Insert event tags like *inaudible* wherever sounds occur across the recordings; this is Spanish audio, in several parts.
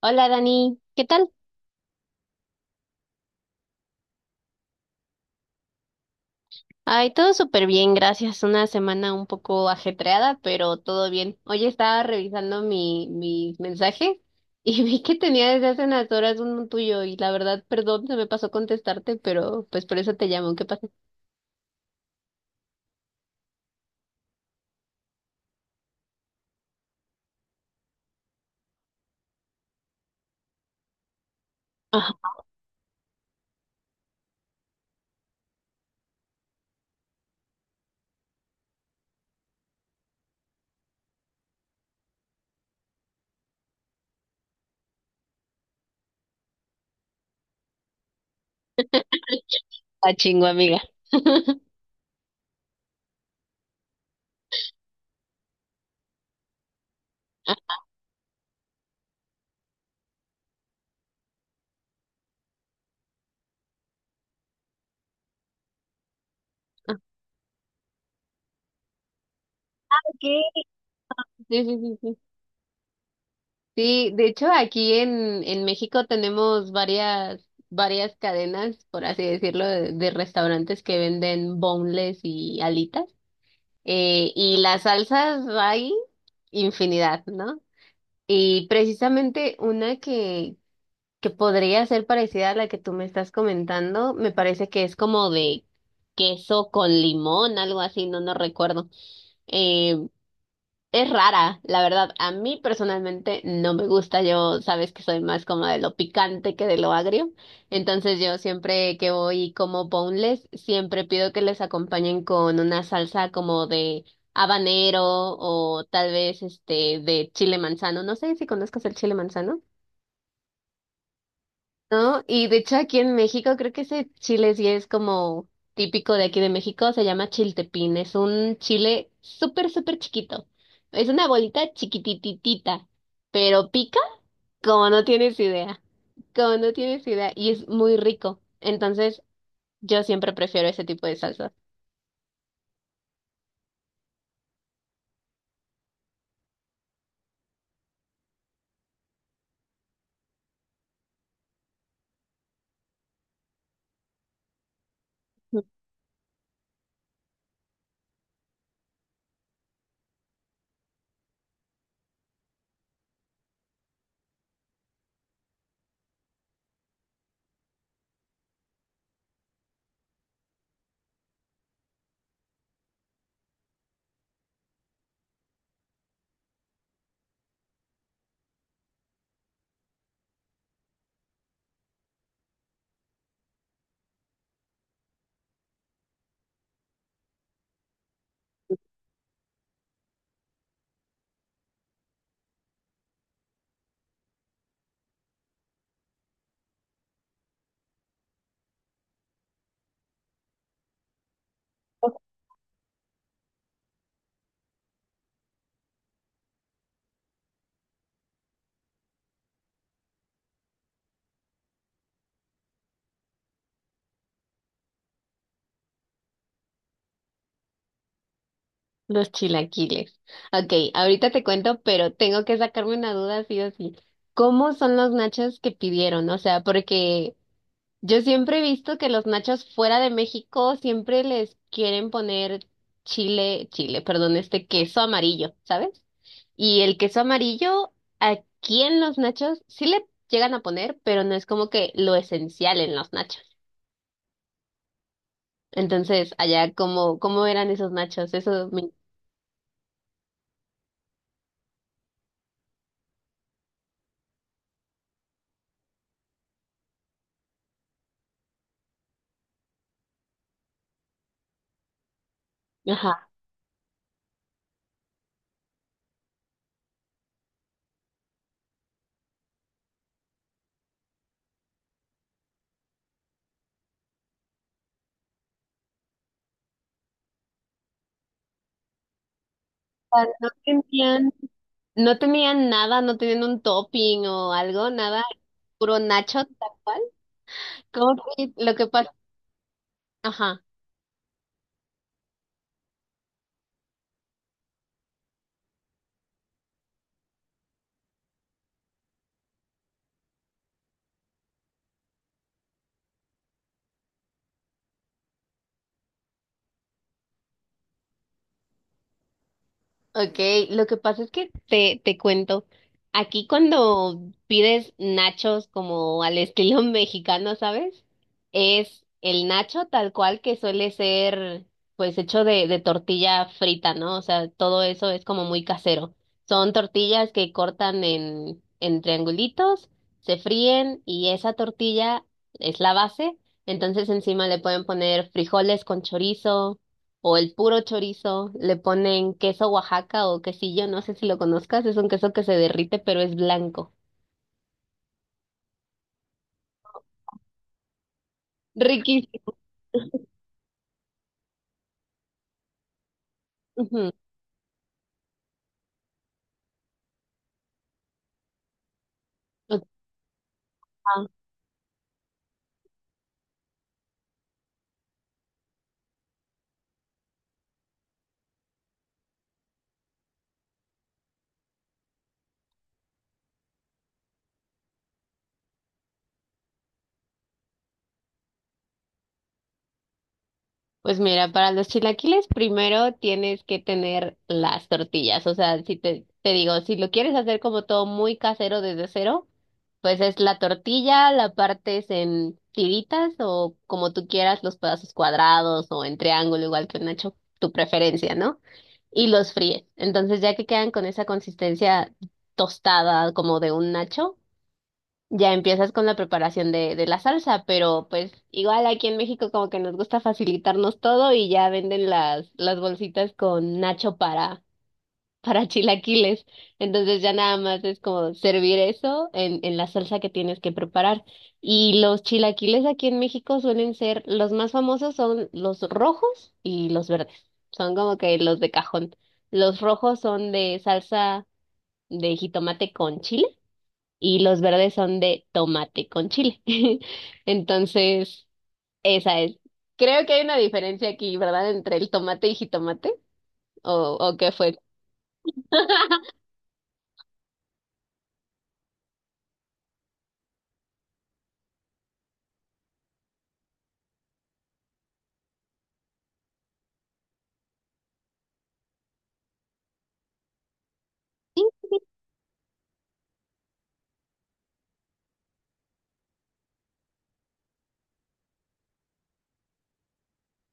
Hola Dani, ¿qué tal? Ay, todo súper bien, gracias. Una semana un poco ajetreada, pero todo bien. Hoy estaba revisando mis mensajes y *laughs* vi que tenía desde hace unas horas uno tuyo y la verdad, perdón, se me pasó contestarte, pero pues por eso te llamo. ¿Qué pasa? Ah, ah, chingo, amiga. Ah, ok, sí, sí, sí, sí. Sí, de hecho aquí en México tenemos varias cadenas, por así decirlo, de restaurantes que venden boneless y alitas. Y las salsas hay infinidad, ¿no? Y precisamente una que podría ser parecida a la que tú me estás comentando, me parece que es como de queso con limón, algo así, no recuerdo. Eh, es rara, la verdad. A mí personalmente no me gusta. Yo sabes que soy más como de lo picante que de lo agrio. Entonces yo siempre que voy y como boneless, siempre pido que les acompañen con una salsa como de habanero o tal vez este de chile manzano. No sé si conozcas el chile manzano. ¿No? Y de hecho aquí en México creo que ese chile sí es como típico de aquí de México, se llama chiltepín, es un chile súper, súper chiquito, es una bolita chiquitititita, pero pica como no tienes idea, como no tienes idea, y es muy rico, entonces yo siempre prefiero ese tipo de salsas. *laughs* Los chilaquiles. Ok, ahorita te cuento, pero tengo que sacarme una duda sí o sí. ¿Cómo son los nachos que pidieron? O sea, porque yo siempre he visto que los nachos fuera de México siempre les quieren poner perdón, este queso amarillo, ¿sabes? Y el queso amarillo aquí en los nachos sí le llegan a poner, pero no es como que lo esencial en los nachos. Entonces, allá, ¿cómo eran esos nachos? Eso me... Ajá. Ah, no tenían nada, no tenían un topping o algo, nada, puro nacho tal cual. ¿Como que lo que pasa? Ajá. Okay, lo que pasa es que te cuento, aquí cuando pides nachos como al estilo *laughs* mexicano, ¿sabes? Es el nacho tal cual, que suele ser pues hecho de tortilla frita, ¿no? O sea, todo eso es como muy casero. Son tortillas que cortan en triangulitos, se fríen y esa tortilla es la base. Entonces encima le pueden poner frijoles con chorizo o el puro chorizo, le ponen queso Oaxaca o quesillo, no sé si lo conozcas, es un queso que se derrite pero es blanco. Riquísimo. Ujú. Pues mira, para los chilaquiles primero tienes que tener las tortillas, o sea, si te digo, si lo quieres hacer como todo muy casero desde cero, pues es la tortilla, la partes en tiritas o como tú quieras, los pedazos cuadrados o en triángulo, igual que nacho, tu preferencia, ¿no? Y los fríes. Entonces ya que quedan con esa consistencia tostada como de un nacho, ya empiezas con la preparación de la salsa, pero pues igual aquí en México como que nos gusta facilitarnos todo y ya venden las bolsitas con nacho para chilaquiles. Entonces ya nada más es como servir eso en la salsa que tienes que preparar. Y los chilaquiles aquí en México suelen ser, los más famosos son los rojos y los verdes. Son como que los de cajón. Los rojos son de salsa de jitomate con chile y los verdes son de tomate con chile. *laughs* Entonces, esa es. Creo que hay una diferencia aquí, ¿verdad? Entre el tomate y jitomate, o qué fue.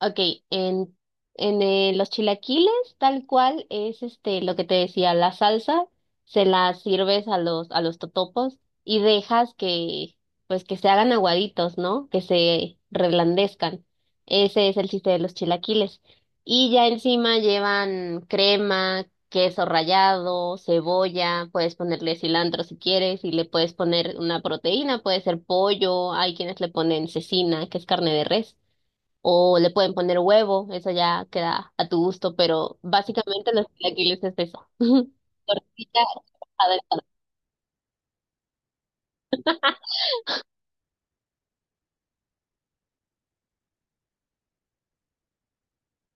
Ok, en, en los chilaquiles, tal cual es este lo que te decía, la salsa se la sirves a los totopos y dejas que pues que se hagan aguaditos, ¿no? Que se reblandezcan. Ese es el chiste de los chilaquiles. Y ya encima llevan crema, queso rallado, cebolla, puedes ponerle cilantro si quieres y le puedes poner una proteína, puede ser pollo, hay quienes le ponen cecina, que es carne de res. O le pueden poner huevo, eso ya queda a tu gusto, pero básicamente los chilaquiles es eso. *laughs* Tortilla trabajada en pan.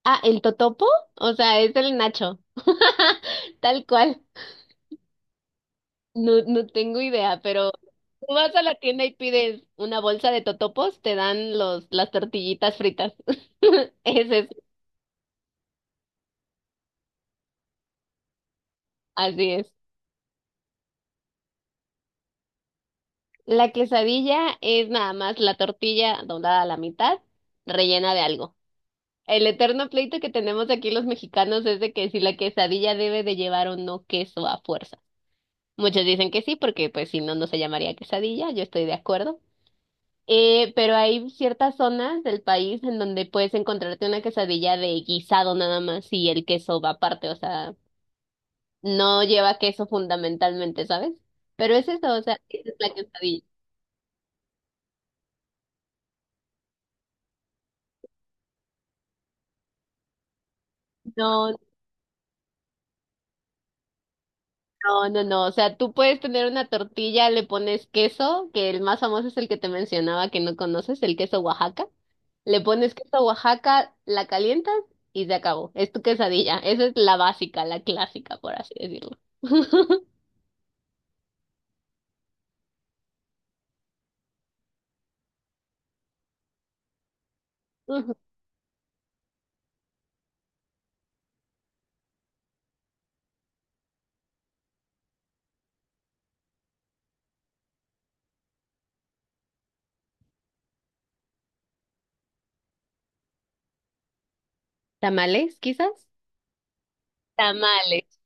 Ah, el totopo, o sea, es el nacho. *laughs* Tal cual. No, no tengo idea, pero tú vas a la tienda y pides una bolsa de totopos, te dan las tortillitas fritas. *laughs* Es eso, así es. La quesadilla es nada más la tortilla doblada a la mitad, rellena de algo. El eterno pleito que tenemos aquí los mexicanos es de que si la quesadilla debe de llevar o no queso a fuerza. Muchos dicen que sí, porque pues si no, no se llamaría quesadilla, yo estoy de acuerdo. Pero hay ciertas zonas del país en donde puedes encontrarte una quesadilla de guisado nada más y el queso va aparte, o sea, no lleva queso fundamentalmente, ¿sabes? Pero es eso, o sea, esa es la quesadilla. No, no, no, no. O sea, tú puedes tener una tortilla, le pones queso, que el más famoso es el que te mencionaba que no conoces, el queso Oaxaca. Le pones queso Oaxaca, la calientas y se acabó. Es tu quesadilla. Esa es la básica, la clásica, por así decirlo. *laughs* Ujú. ¿Tamales, quizás? Tamales.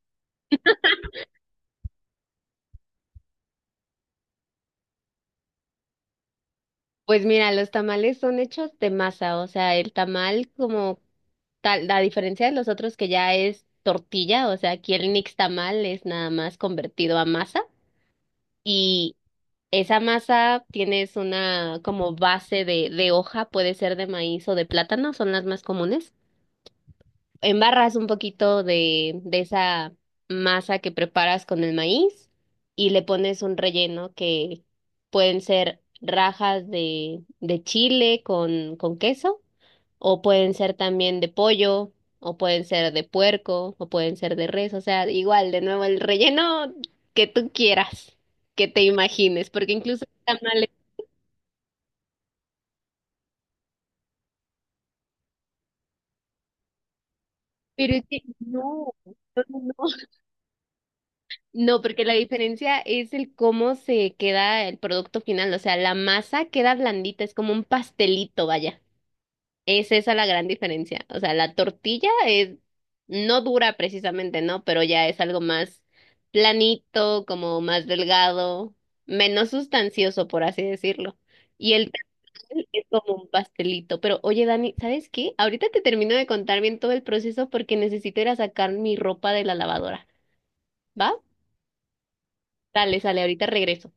Pues mira, los tamales son hechos de masa, o sea, el tamal como tal, la diferencia de los otros que ya es tortilla, o sea, aquí el nixtamal es nada más convertido a masa. Y esa masa tienes una como base de hoja, puede ser de maíz o de plátano, son las más comunes. Embarras un poquito de esa masa que preparas con el maíz y le pones un relleno que pueden ser rajas de chile con queso o pueden ser también de pollo o pueden ser de puerco o pueden ser de res, o sea, igual, de nuevo, el relleno que tú quieras, que te imagines, porque incluso... tamales. Pero es que no, no, no, no, *laughs* no, porque la diferencia es el cómo se queda el producto final, o sea, la masa queda blandita, es como un pastelito, vaya. Es esa la gran diferencia. O sea, la tortilla es no dura precisamente, ¿no? Pero ya es algo más planito, como más delgado, menos sustancioso, por así decirlo. Y el es como un pastelito. Pero oye, Dani, ¿sabes qué? Ahorita te termino de contar bien todo el proceso porque necesito ir a sacar mi ropa de la lavadora. ¿Va? Dale, sale, ahorita regreso.